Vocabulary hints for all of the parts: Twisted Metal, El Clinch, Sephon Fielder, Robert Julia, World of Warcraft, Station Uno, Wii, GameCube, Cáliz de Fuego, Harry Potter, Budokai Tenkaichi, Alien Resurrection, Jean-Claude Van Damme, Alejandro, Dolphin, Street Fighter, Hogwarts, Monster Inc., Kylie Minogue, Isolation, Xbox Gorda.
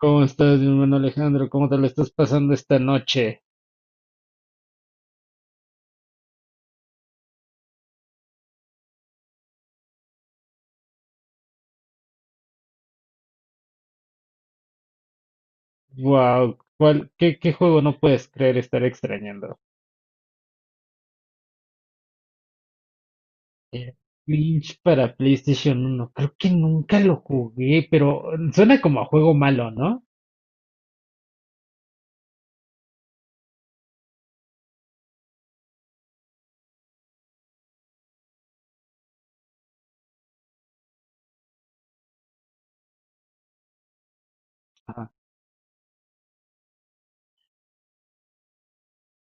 ¿Cómo estás, mi hermano Alejandro? ¿Cómo te lo estás pasando esta noche? Wow, ¿Qué juego no puedes creer estar extrañando? El Clinch para PlayStation uno. Creo que nunca lo jugué, pero suena como a juego malo, ¿no? Ajá.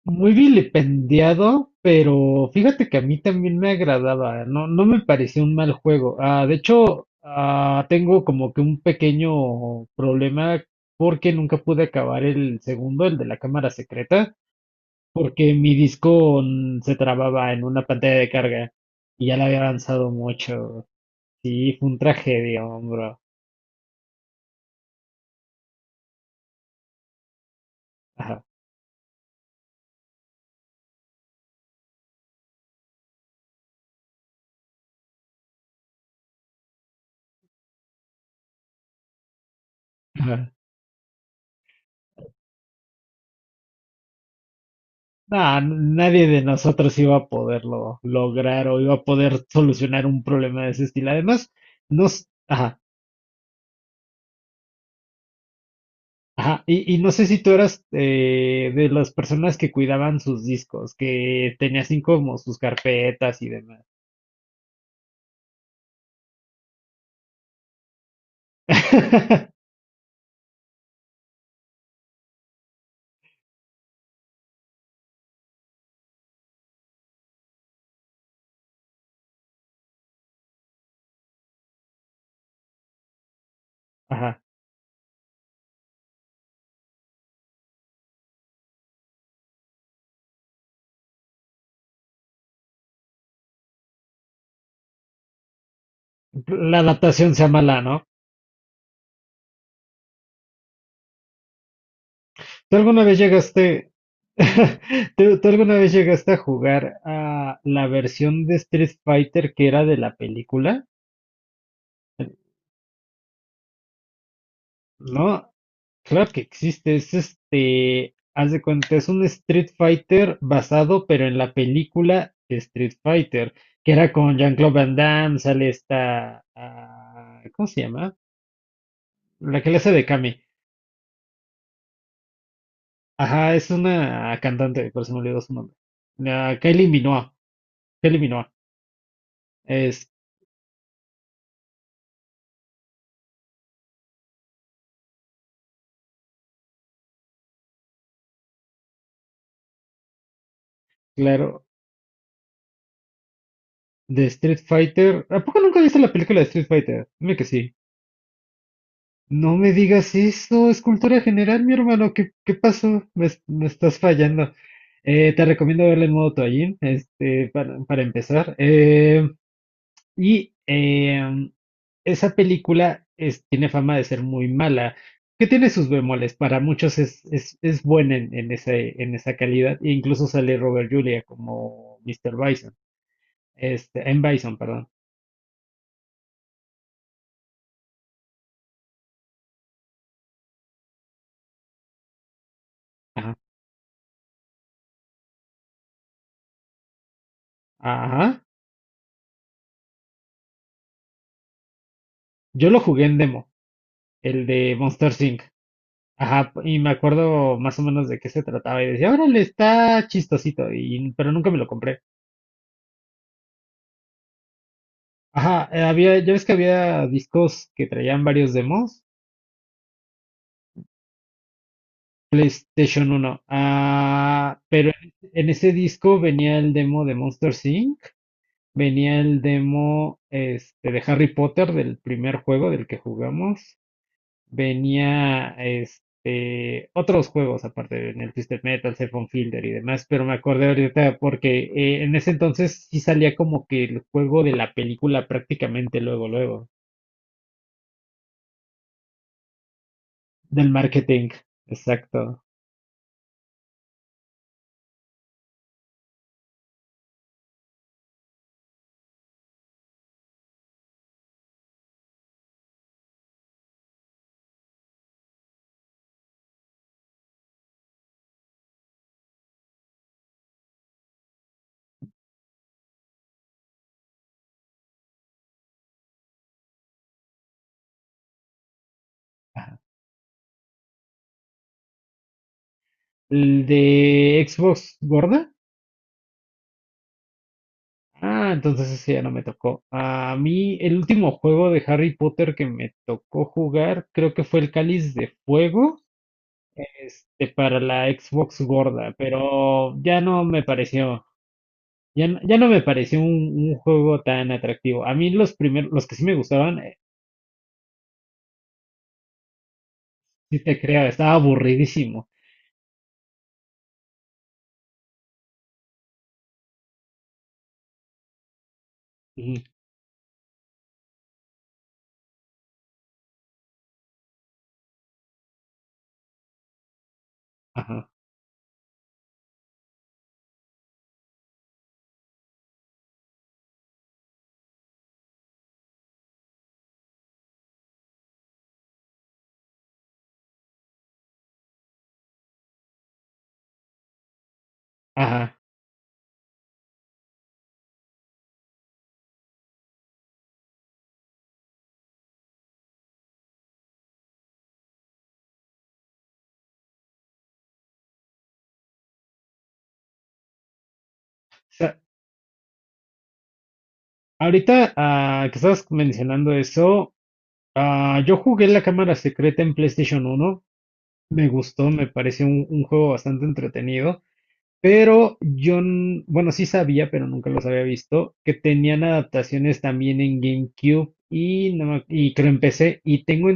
Muy vilipendiado, pero fíjate que a mí también me agradaba. No, no me pareció un mal juego. Ah, de hecho, tengo como que un pequeño problema porque nunca pude acabar el segundo, el de la cámara secreta. Porque mi disco se trababa en una pantalla de carga y ya la había avanzado mucho. Sí, fue un tragedia, hombre. Ajá, ajá. Nah, nadie de nosotros iba a poderlo lograr o iba a poder solucionar un problema de ese estilo. Además, no, ajá, ajá. Y no sé si tú eras de las personas que cuidaban sus discos, que tenías así como sus carpetas y demás. Ajá. La adaptación sea mala, ¿no? ¿Tú alguna vez llegaste, ¿Tú alguna vez llegaste a jugar a la versión de Street Fighter que era de la película? No, claro que existe, es este, haz de cuenta, es un Street Fighter basado, pero en la película de Street Fighter, que era con Jean-Claude Van Damme, sale esta, ¿cómo se llama? La que le hace de Kami. Ajá, es una cantante, pero se me olvidó su nombre. La Kylie Minogue, Kylie Minogue, es claro. De Street Fighter. ¿A poco nunca viste la película de Street Fighter? Dime que sí. No me digas eso, es cultura general, mi hermano. ¿Qué pasó? Me estás fallando. Te recomiendo verla en modo toallín, este, para empezar. Y esa película tiene fama de ser muy mala, que tiene sus bemoles. Para muchos es buena en esa calidad. E incluso sale Robert Julia como Mr. Bison. Este, en Bison, perdón. Ajá. Ajá. Yo lo jugué en demo, el de Monster Inc. Ajá, y me acuerdo más o menos de qué se trataba y decía, órale, está chistosito, pero nunca me lo compré. Ajá, había, ya ves que había discos que traían varios demos, Station Uno. Ah, en ese disco venía el demo de Monster Inc., venía el demo este, de Harry Potter del primer juego del que jugamos, venía este, otros juegos aparte en el Twisted Metal, Sephon Fielder y demás, pero me acordé ahorita porque en ese entonces sí salía como que el juego de la película prácticamente luego, luego, del marketing, exacto. El de Xbox Gorda. Ah, entonces ese ya no me tocó. A mí el último juego de Harry Potter que me tocó jugar creo que fue el Cáliz de Fuego este, para la Xbox gorda, pero ya no me pareció. Ya, ya no me pareció un juego tan atractivo. A mí los primeros, los que sí me gustaban, sí te creo, estaba aburridísimo. Ujú, ajá, ajá. O sea, ahorita que estás mencionando eso, yo jugué la cámara secreta en PlayStation uno. Me gustó, me pareció un juego bastante entretenido. Pero yo, bueno, sí sabía, pero nunca los había visto, que tenían adaptaciones también en GameCube y, no me ac- y creo en PC. Y tengo.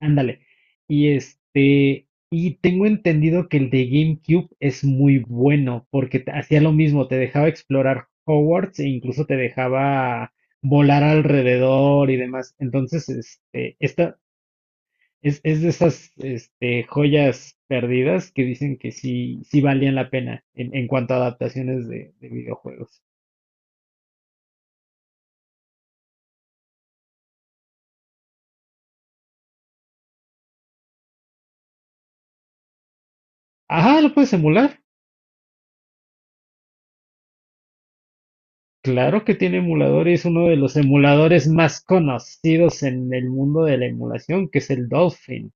Ándale. Y este, y tengo entendido que el de GameCube es muy bueno porque hacía lo mismo, te dejaba explorar Hogwarts e incluso te dejaba volar alrededor y demás. Entonces, este, esta es de esas este, joyas perdidas que dicen que sí, sí valían la pena en cuanto a adaptaciones de videojuegos. Ajá, lo puedes emular. Claro que tiene emuladores, uno de los emuladores más conocidos en el mundo de la emulación, que es el Dolphin,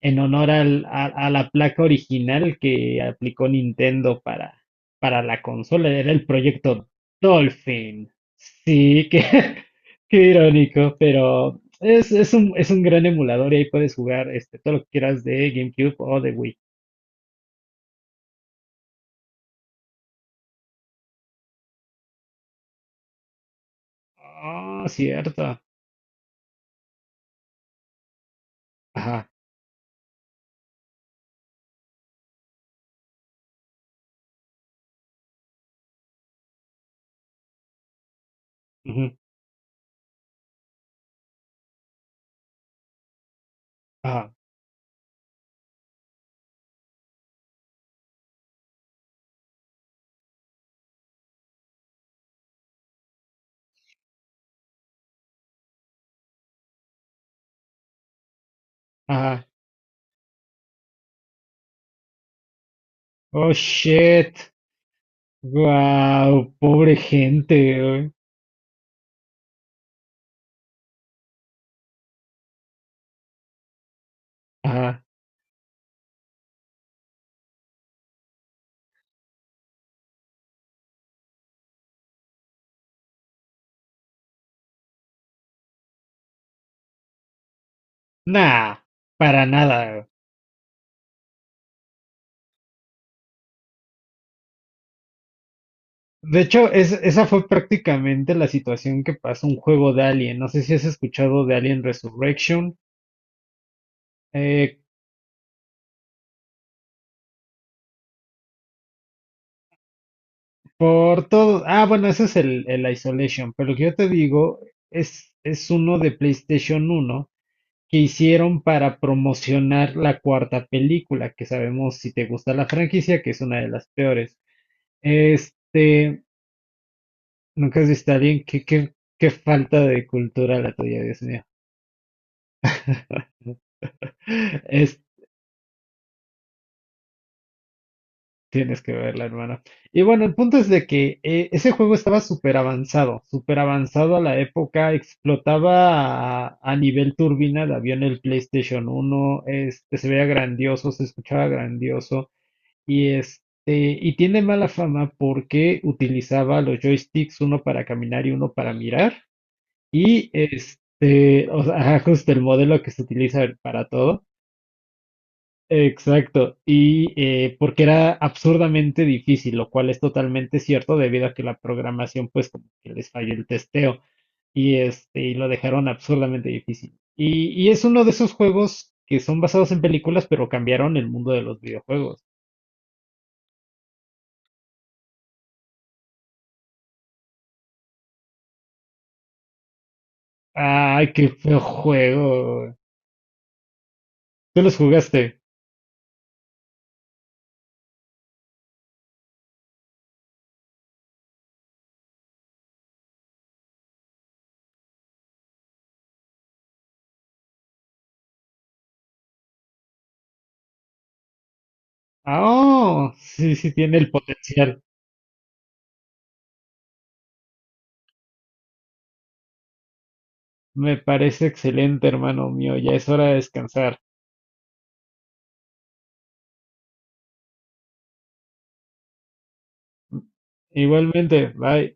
en honor a la placa original que aplicó Nintendo para, la consola, era el proyecto Dolphin. Sí, qué irónico, pero es un gran emulador y ahí puedes jugar este, todo lo que quieras de GameCube o de Wii. Ah, cierto. Ajá, ujú, ajá, ajá. Oh, shit. Guau, pobre gente, güey. Ajá. Nah, para nada, güey. De hecho, es, esa fue prácticamente la situación que pasó un juego de Alien. No sé si has escuchado de Alien Resurrection. eh, por todo. Ah, bueno, ese es el Isolation. Pero lo que yo te digo es uno de PlayStation uno que hicieron para promocionar la cuarta película, que sabemos si te gusta la franquicia, que es una de las peores. Este. Nunca has visto a alguien. Qué falta de cultura la tuya, Dios mío. Es, tienes que verla, hermano. Y bueno, el punto es de que ese juego estaba súper avanzado a la época. Explotaba a nivel turbina de avión el PlayStation uno. Este, se veía grandioso, se escuchaba grandioso. Y este, y tiene mala fama porque utilizaba los joysticks, uno para caminar y uno para mirar. Y este, o sea, ajá, justo el modelo que se utiliza para todo. Exacto. Y porque era absurdamente difícil, lo cual es totalmente cierto debido a que la programación, pues, como que les falló el testeo. Y este, y lo dejaron absurdamente difícil. Y es uno de esos juegos que son basados en películas, pero cambiaron el mundo de los videojuegos. Ay, qué feo juego. ¿Tú los jugaste? Ah, oh, sí, sí tiene el potencial. Me parece excelente, hermano mío. Ya es hora de descansar. Igualmente, bye.